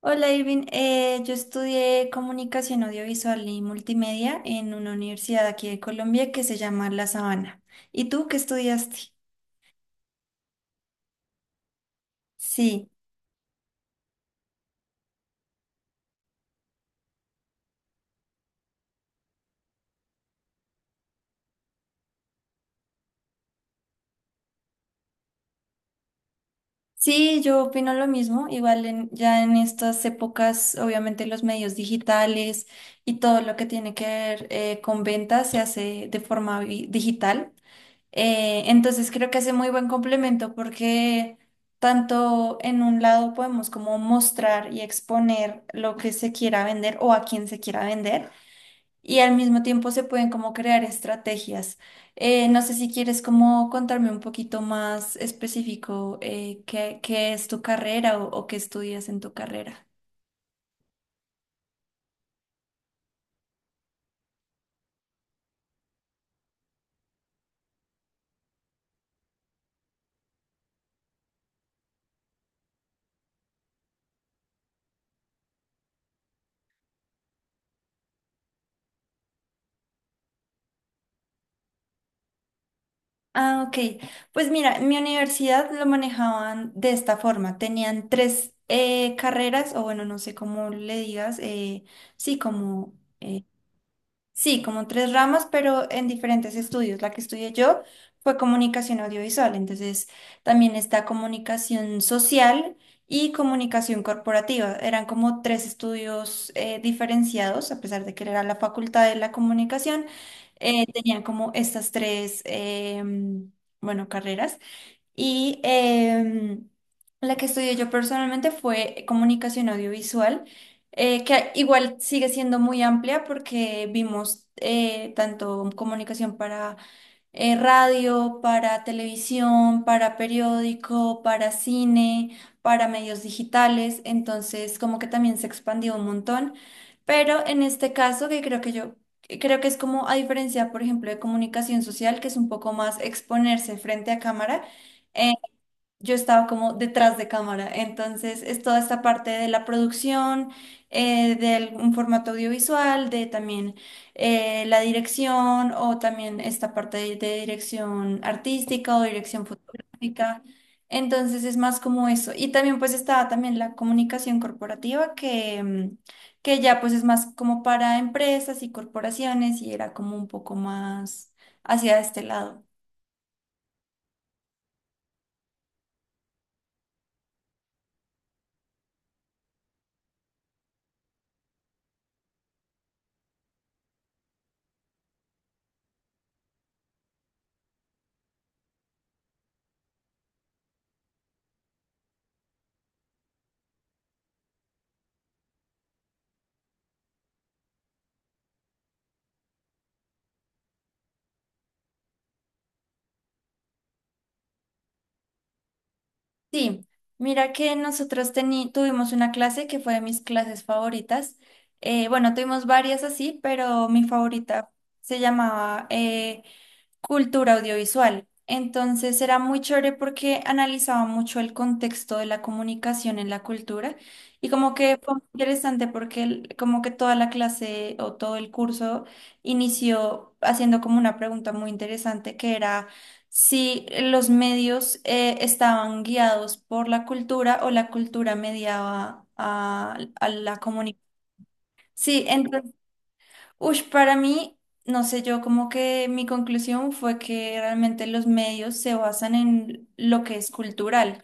Hola Irving, yo estudié comunicación audiovisual y multimedia en una universidad aquí de Colombia que se llama La Sabana. ¿Y tú qué estudiaste? Sí, sí, yo opino lo mismo. Igual ya en estas épocas, obviamente los medios digitales y todo lo que tiene que ver con ventas se hace de forma digital. Entonces creo que hace muy buen complemento porque tanto en un lado podemos como mostrar y exponer lo que se quiera vender o a quien se quiera vender, y al mismo tiempo se pueden como crear estrategias. No sé si quieres como contarme un poquito más específico qué es tu carrera o qué estudias en tu carrera. Ah, ok. Pues mira, en mi universidad lo manejaban de esta forma. Tenían tres carreras, o bueno, no sé cómo le digas, sí, como… Sí, como tres ramas, pero en diferentes estudios. La que estudié yo fue comunicación audiovisual, entonces también está comunicación social y comunicación corporativa. Eran como tres estudios diferenciados, a pesar de que era la facultad de la comunicación, tenían como estas tres, bueno, carreras. Y la que estudié yo personalmente fue comunicación audiovisual, que igual sigue siendo muy amplia porque vimos tanto comunicación para radio, para televisión, para periódico, para cine, para medios digitales. Entonces como que también se expandió un montón, pero en este caso que creo que es como a diferencia, por ejemplo, de comunicación social, que es un poco más exponerse frente a cámara. Yo estaba como detrás de cámara. Entonces, es toda esta parte de la producción, de un formato audiovisual, de también la dirección, o también esta parte de dirección artística o dirección fotográfica. Entonces, es más como eso. Y también pues estaba también la comunicación corporativa que… que ya pues es más como para empresas y corporaciones, y era como un poco más hacia este lado. Sí, mira que nosotros tuvimos una clase que fue de mis clases favoritas. Bueno, tuvimos varias así, pero mi favorita se llamaba cultura audiovisual. Entonces era muy chévere porque analizaba mucho el contexto de la comunicación en la cultura, y como que fue muy interesante porque como que toda la clase o todo el curso inició haciendo como una pregunta muy interesante que era si los medios estaban guiados por la cultura o la cultura mediaba a la comunicación. Sí, entonces… Uy, para mí, no sé, yo como que mi conclusión fue que realmente los medios se basan en lo que es cultural.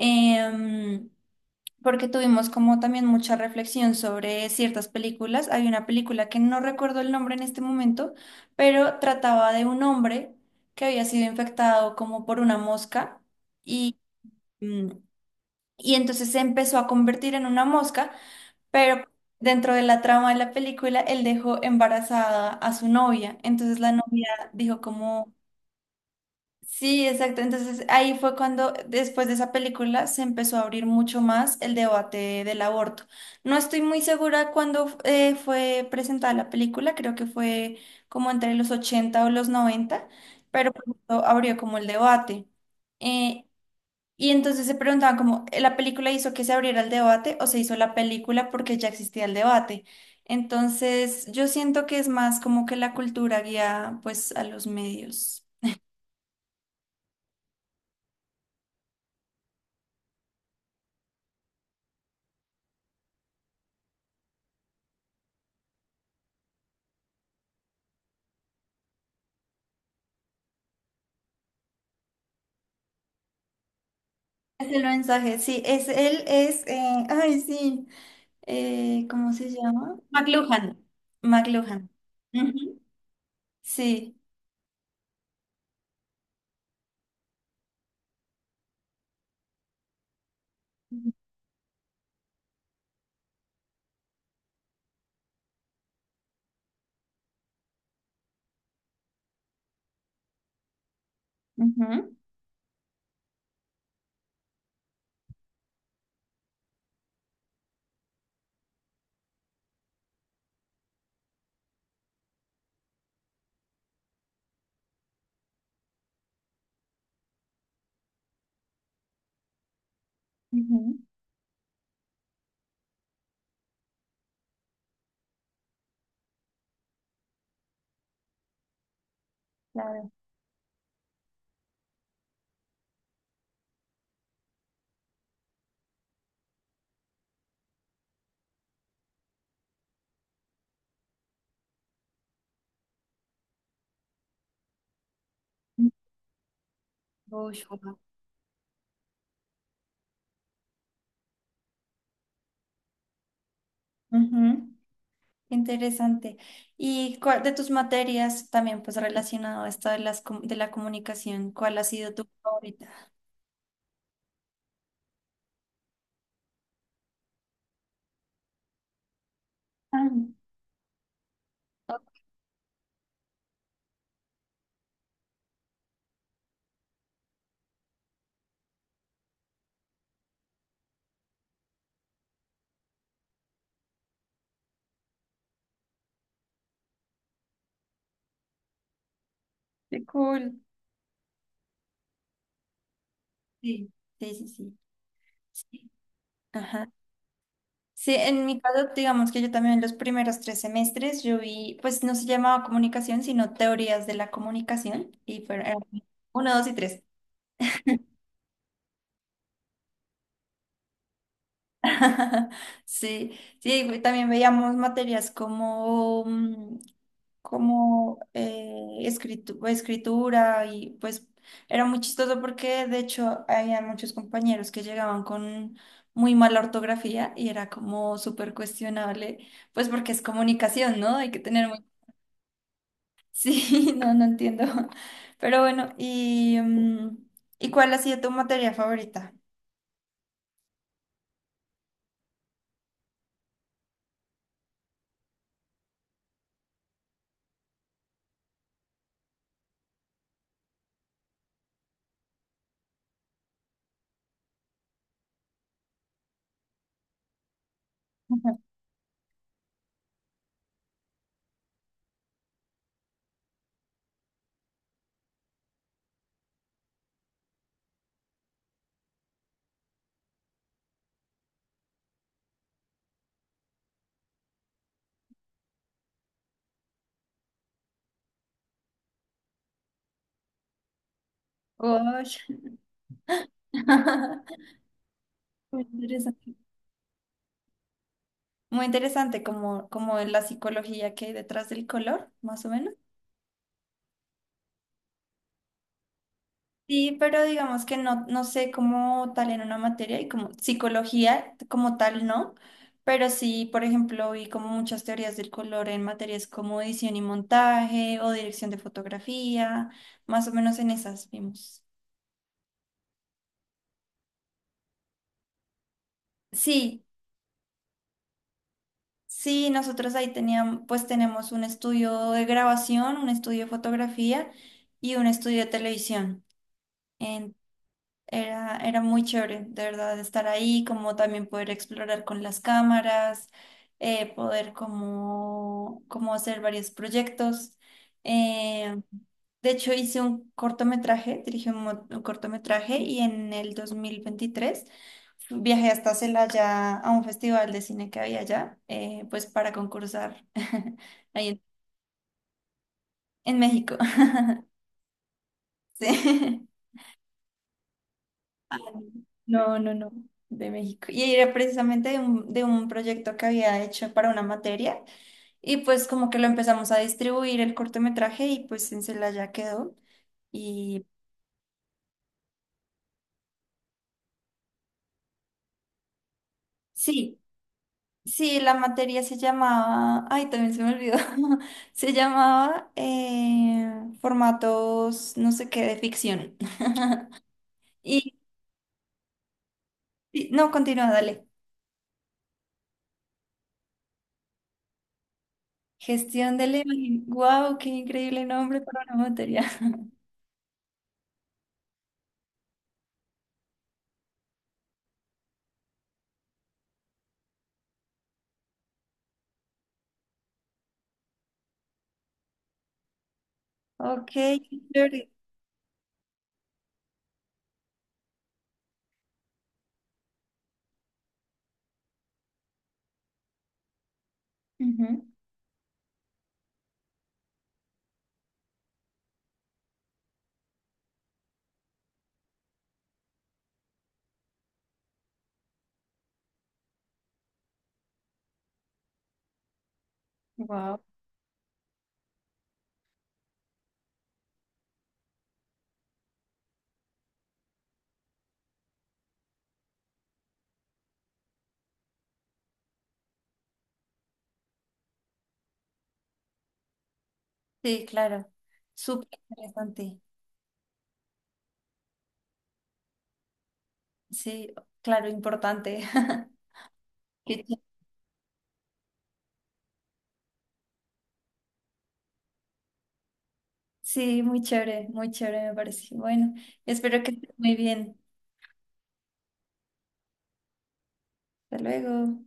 Em, Porque tuvimos como también mucha reflexión sobre ciertas películas. Hay una película que no recuerdo el nombre en este momento, pero trataba de un hombre que había sido infectado como por una mosca y, mm, y entonces se empezó a convertir en una mosca. Pero dentro de la trama de la película, él dejó embarazada a su novia. Entonces la novia dijo como… sí, exacto. Entonces ahí fue cuando después de esa película se empezó a abrir mucho más el debate del aborto. No estoy muy segura cuándo fue presentada la película, creo que fue como entre los 80 o los 90, pero pues abrió como el debate. Eh, y entonces se preguntaban como, ¿la película hizo que se abriera el debate, o se hizo la película porque ya existía el debate? Entonces, yo siento que es más como que la cultura guía pues a los medios. Es el mensaje, sí, es él, ay, sí, ¿cómo se llama? McLuhan. McLuhan. Ujú. Sí. Ujú, ujú. Claro. Ush. Ujú. Interesante. De tus materias también, pues relacionado a esto de de la comunicación, ¿cuál ha sido tu favorita? Ah, oh, qué cool. Sí, sí. Sí. Ajá. Sí, en mi caso, digamos que yo también los primeros tres semestres yo vi, pues no se llamaba comunicación, sino teorías de la comunicación, y fueron eran uno, dos y tres. Sí, sí, güey, también veíamos materias como, como pues, escritura. Y pues era muy chistoso porque de hecho había muchos compañeros que llegaban con muy mala ortografía, y era como súper cuestionable, pues porque es comunicación, ¿no? Hay que tener muy… Sí, no, no entiendo. Pero bueno, ¿y, y cuál ha sido tu materia favorita? Uy. Muy interesante. Muy interesante, como como en la psicología que hay detrás del color, más o menos. Sí, pero digamos que no, no sé cómo tal en una materia, y como psicología como tal no, pero sí, por ejemplo, vi como muchas teorías del color en materias como edición y montaje o dirección de fotografía, más o menos en esas vimos. Sí, sí, nosotros ahí teníamos, pues tenemos un estudio de grabación, un estudio de fotografía y un estudio de televisión. Era, era muy chévere, de verdad, estar ahí, como también poder explorar con las cámaras, poder como, como hacer varios proyectos. Eh, de hecho, hice un cortometraje, dirigí un, un cortometraje, y en el 2023 viajé hasta Celaya a un festival de cine que había allá, pues para concursar ahí en, en México. Sí. No, no, no, de México. Y era precisamente de un proyecto que había hecho para una materia, y pues como que lo empezamos a distribuir el cortometraje, y pues en… ya quedó. Y sí, sí, la materia se llamaba, ay, también se me olvidó, se llamaba formatos, no sé qué, de ficción. Y no, continúa, dale. Gestión de la imagen. Wow, qué increíble nombre para una materia. Ok, qué chévere. Wow. Sí, claro. Súper interesante. Sí, claro, importante. Qué chi- Sí, muy chévere me parece. Bueno, espero que estés muy bien. Hasta luego.